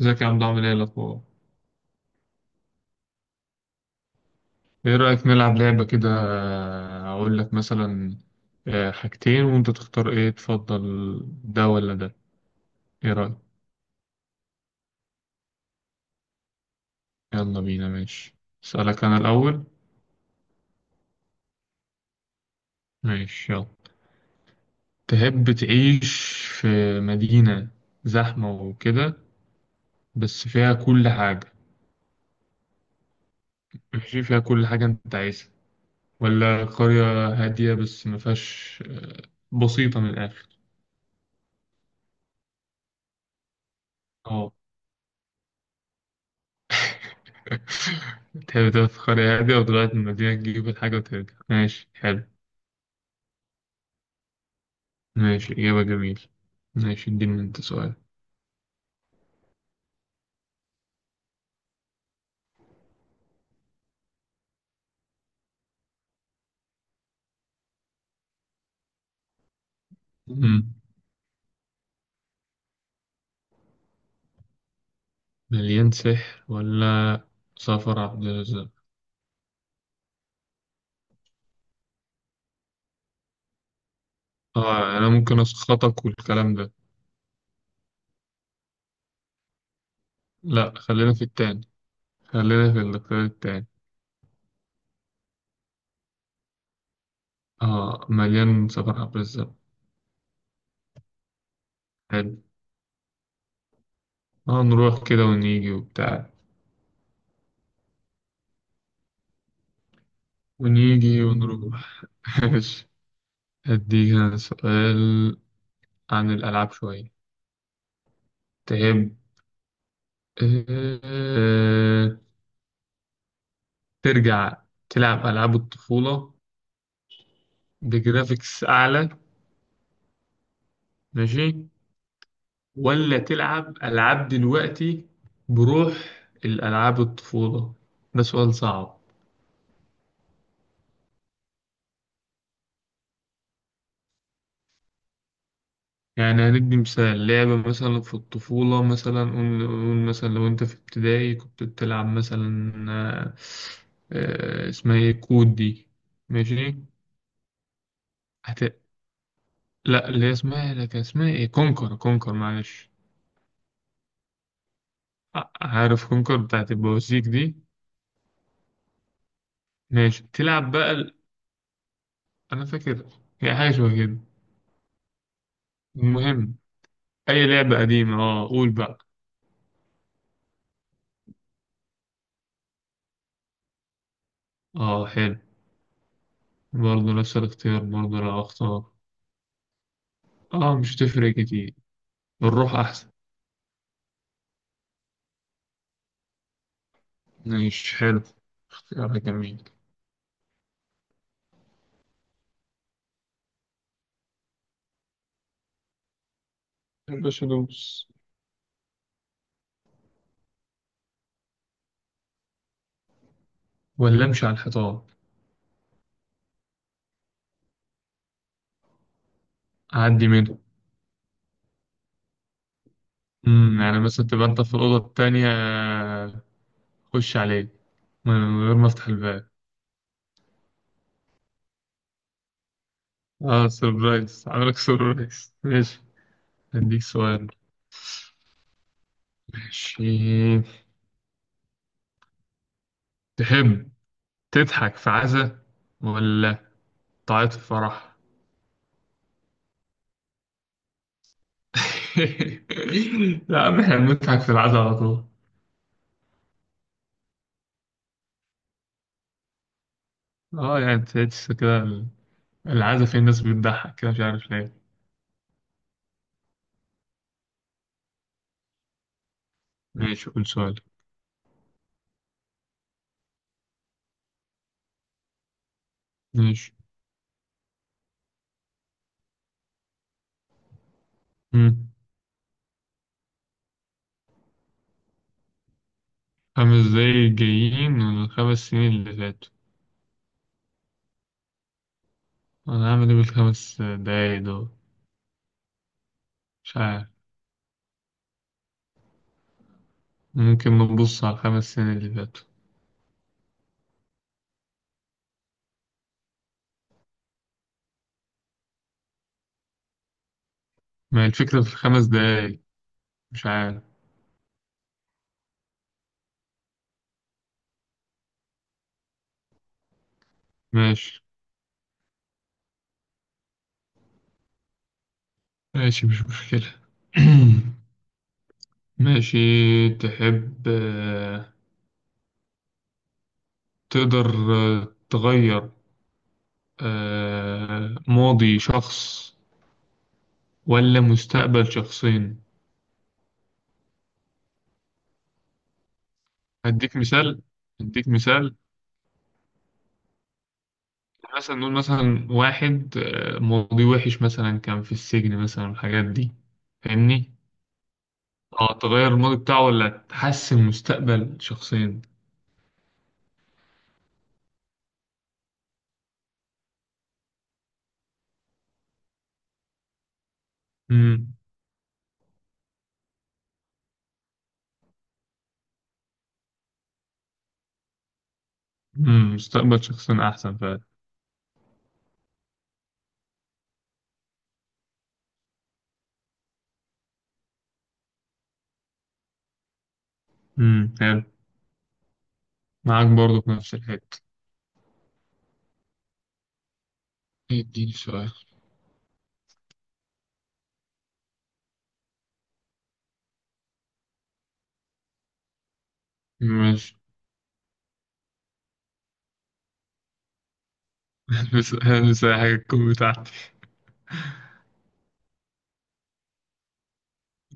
ازيك يا عبد؟ عامل ايه الاخبار؟ ايه رايك نلعب لعبه كده، اقول لك مثلا حاجتين وانت تختار ايه تفضل، ده ولا ده؟ ايه رايك؟ يلا بينا، ماشي. اسالك انا الاول. ماشي، يلا. تحب تعيش في مدينه زحمه وكده بس فيها كل حاجه؟ ماشي، فيها كل حاجه انت عايزها، ولا قريه هاديه بس ما فيهاش بسيطه من الاخر؟ اه. تحب تاخد قرية هادية وتغير المدينة تجيب الحاجة وترجع؟ ماشي، حلو. ماشي، إجابة جميلة. ماشي، اديني أنت سؤال. مم. مليان سحر ولا سفر عبد الرزاق؟ آه، أنا ممكن أسخطك والكلام ده. لأ، خلينا في الاختيار التاني. آه، مليان سفر عبد الرزاق. حلو. آه، نروح كده ونيجي وبتاع. ونيجي ونروح. ماشي. أديك أنا سؤال عن الألعاب شوية. تحب آه، ترجع تلعب ألعاب الطفولة بجرافيكس أعلى؟ ماشي. ولا تلعب ألعاب دلوقتي بروح الألعاب الطفولة؟ ده سؤال صعب. يعني هندي مثال لعبة، مثلا في الطفولة مثلا، قول قول مثلا لو أنت في ابتدائي كنت بتلعب مثلا، اسمها إيه كود دي. ماشي. هت... لا، اللي هي اسمها، لا كان اسمها إيه، كونكر، كونكر معلش. عارف كونكر بتاعت البوازيك دي؟ ماشي تلعب بقى انا فاكر هي حاجه شبه كده. المهم، اي لعبه قديمه، اه قول بقى. اه، حلو. برضه نفس الاختيار، برضه لا اختار. اه، مش تفرق كتير. الروح احسن. ماشي، حلو، اختيار جميل. يا باشا دوس. ولا امشي على الحيطان؟ اعدي منه. امم، يعني مثلا تبقى انت في الاوضه التانية، خش عليه من غير ما افتح الباب. اه سربرايز، عاملك سربرايز. ماشي. أديك سؤال. ماشي. تحب تضحك في عزا ولا تعيط في فرح؟ لا يا عم، احنا بنضحك في العزا على طول. اه، يعني تحس كده العزا فيه الناس بتضحك كده، مش عارف ليه. ماشي، قول سؤال. ماشي. مم. خمس دقايق جايين من الخمس سنين اللي فاتوا. أنا هعمل إيه بالخمس دقايق دول؟ مش عارف. ممكن نبص على الخمس سنين اللي فاتوا. ما هي الفكرة في الخمس دقايق؟ مش عارف. ماشي، ماشي، مش مشكلة. ماشي. تحب تقدر تغير ماضي شخص ولا مستقبل شخصين؟ هديك مثال، هديك مثال. مثلا نقول مثلا واحد ماضي وحش مثلا، كان في السجن مثلا، الحاجات دي، فاهمني؟ اه، تغير الماضي بتاعه ولا تحسن مستقبل شخصين. امم. امم، مستقبل شخصين احسن فعلا. امم، حلو. معاك برضو في نفس الحتة. اديني سؤال. ماشي. هلبس، هلبس أي حاجة تكون بتاعتي.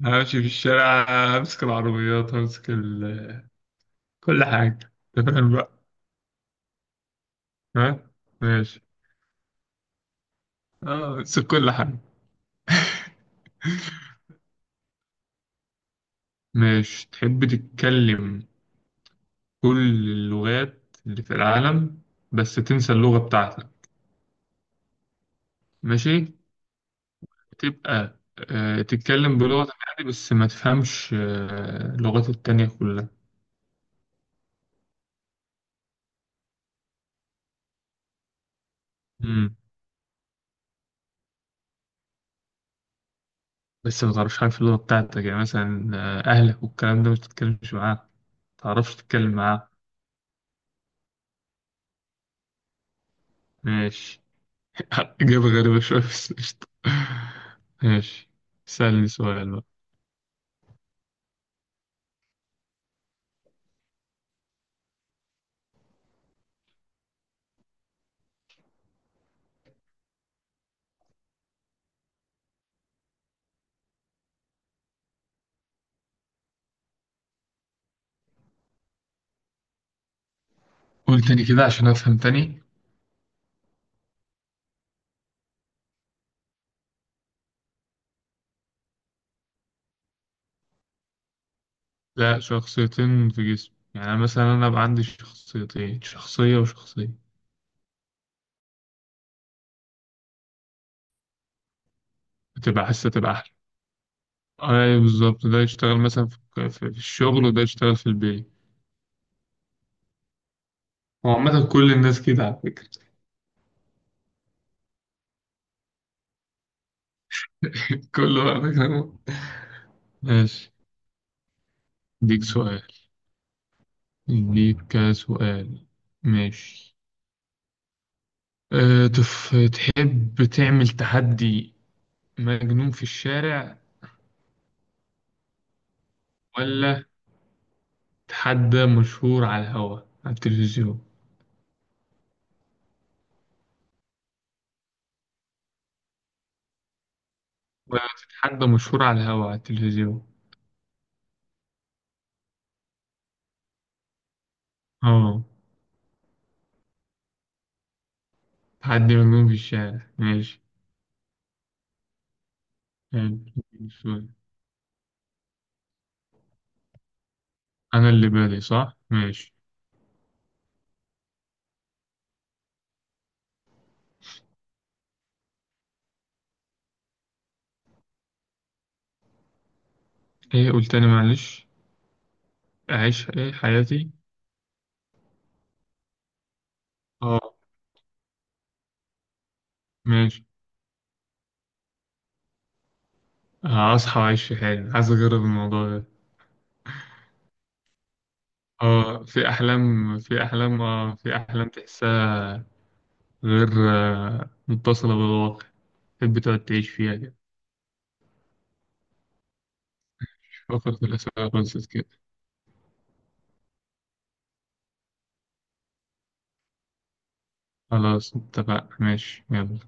همشي في الشارع، همسك العربيات، همسك كل حاجة أنت فاهم بقى. ها. ماشي، اه همسك كل حاجة. ماشي. تحب تتكلم كل اللغات اللي في العالم بس تنسى اللغة بتاعتك؟ ماشي. تبقى تتكلم بلغة عادي بس ما تفهمش اللغات التانية كلها. مم. لسه ما تعرفش حاجة في اللغة بتاعتك، يعني مثلا أهلك والكلام ده مش تتكلمش معاه، ما تعرفش تتكلم معاه. ماشي. إجابة غريبة شوية بس قشطة. ماشي، سألني سؤال بقى. قول تاني كده عشان أفهم تاني. لا، شخصيتين في جسمي، يعني مثلا أنا أبقى عندي شخصيتين، شخصية وشخصية. بتبقى حاسة تبقى أحلى. أي بالظبط، ده يشتغل مثلا في الشغل وده يشتغل في البيت. هو عامة كل الناس كده على فكرة. كله على فكرة. ماشي. ديك سؤال، ليك سؤال. ماشي. أه تحب تعمل تحدي مجنون في الشارع، ولا تحدى مشهور على الهوا على التلفزيون؟ ولا تتحدى مشهور على الهوا على التلفزيون. اه، تحدي مجنون في الشارع. ماشي، حلو. سؤال. انا اللي بالي صح، ماشي. ايه قلت تاني معلش؟ اعيش ايه حياتي؟ اه، ماشي، هصحى واعيش في حالي، عايز اجرب الموضوع ده. اه، في احلام تحسها، غير متصلة بالواقع. تحب تقعد تعيش فيها كده. فكرة الأسئلة خلصت كده. خلاص، اتفقنا، ماشي، يلا.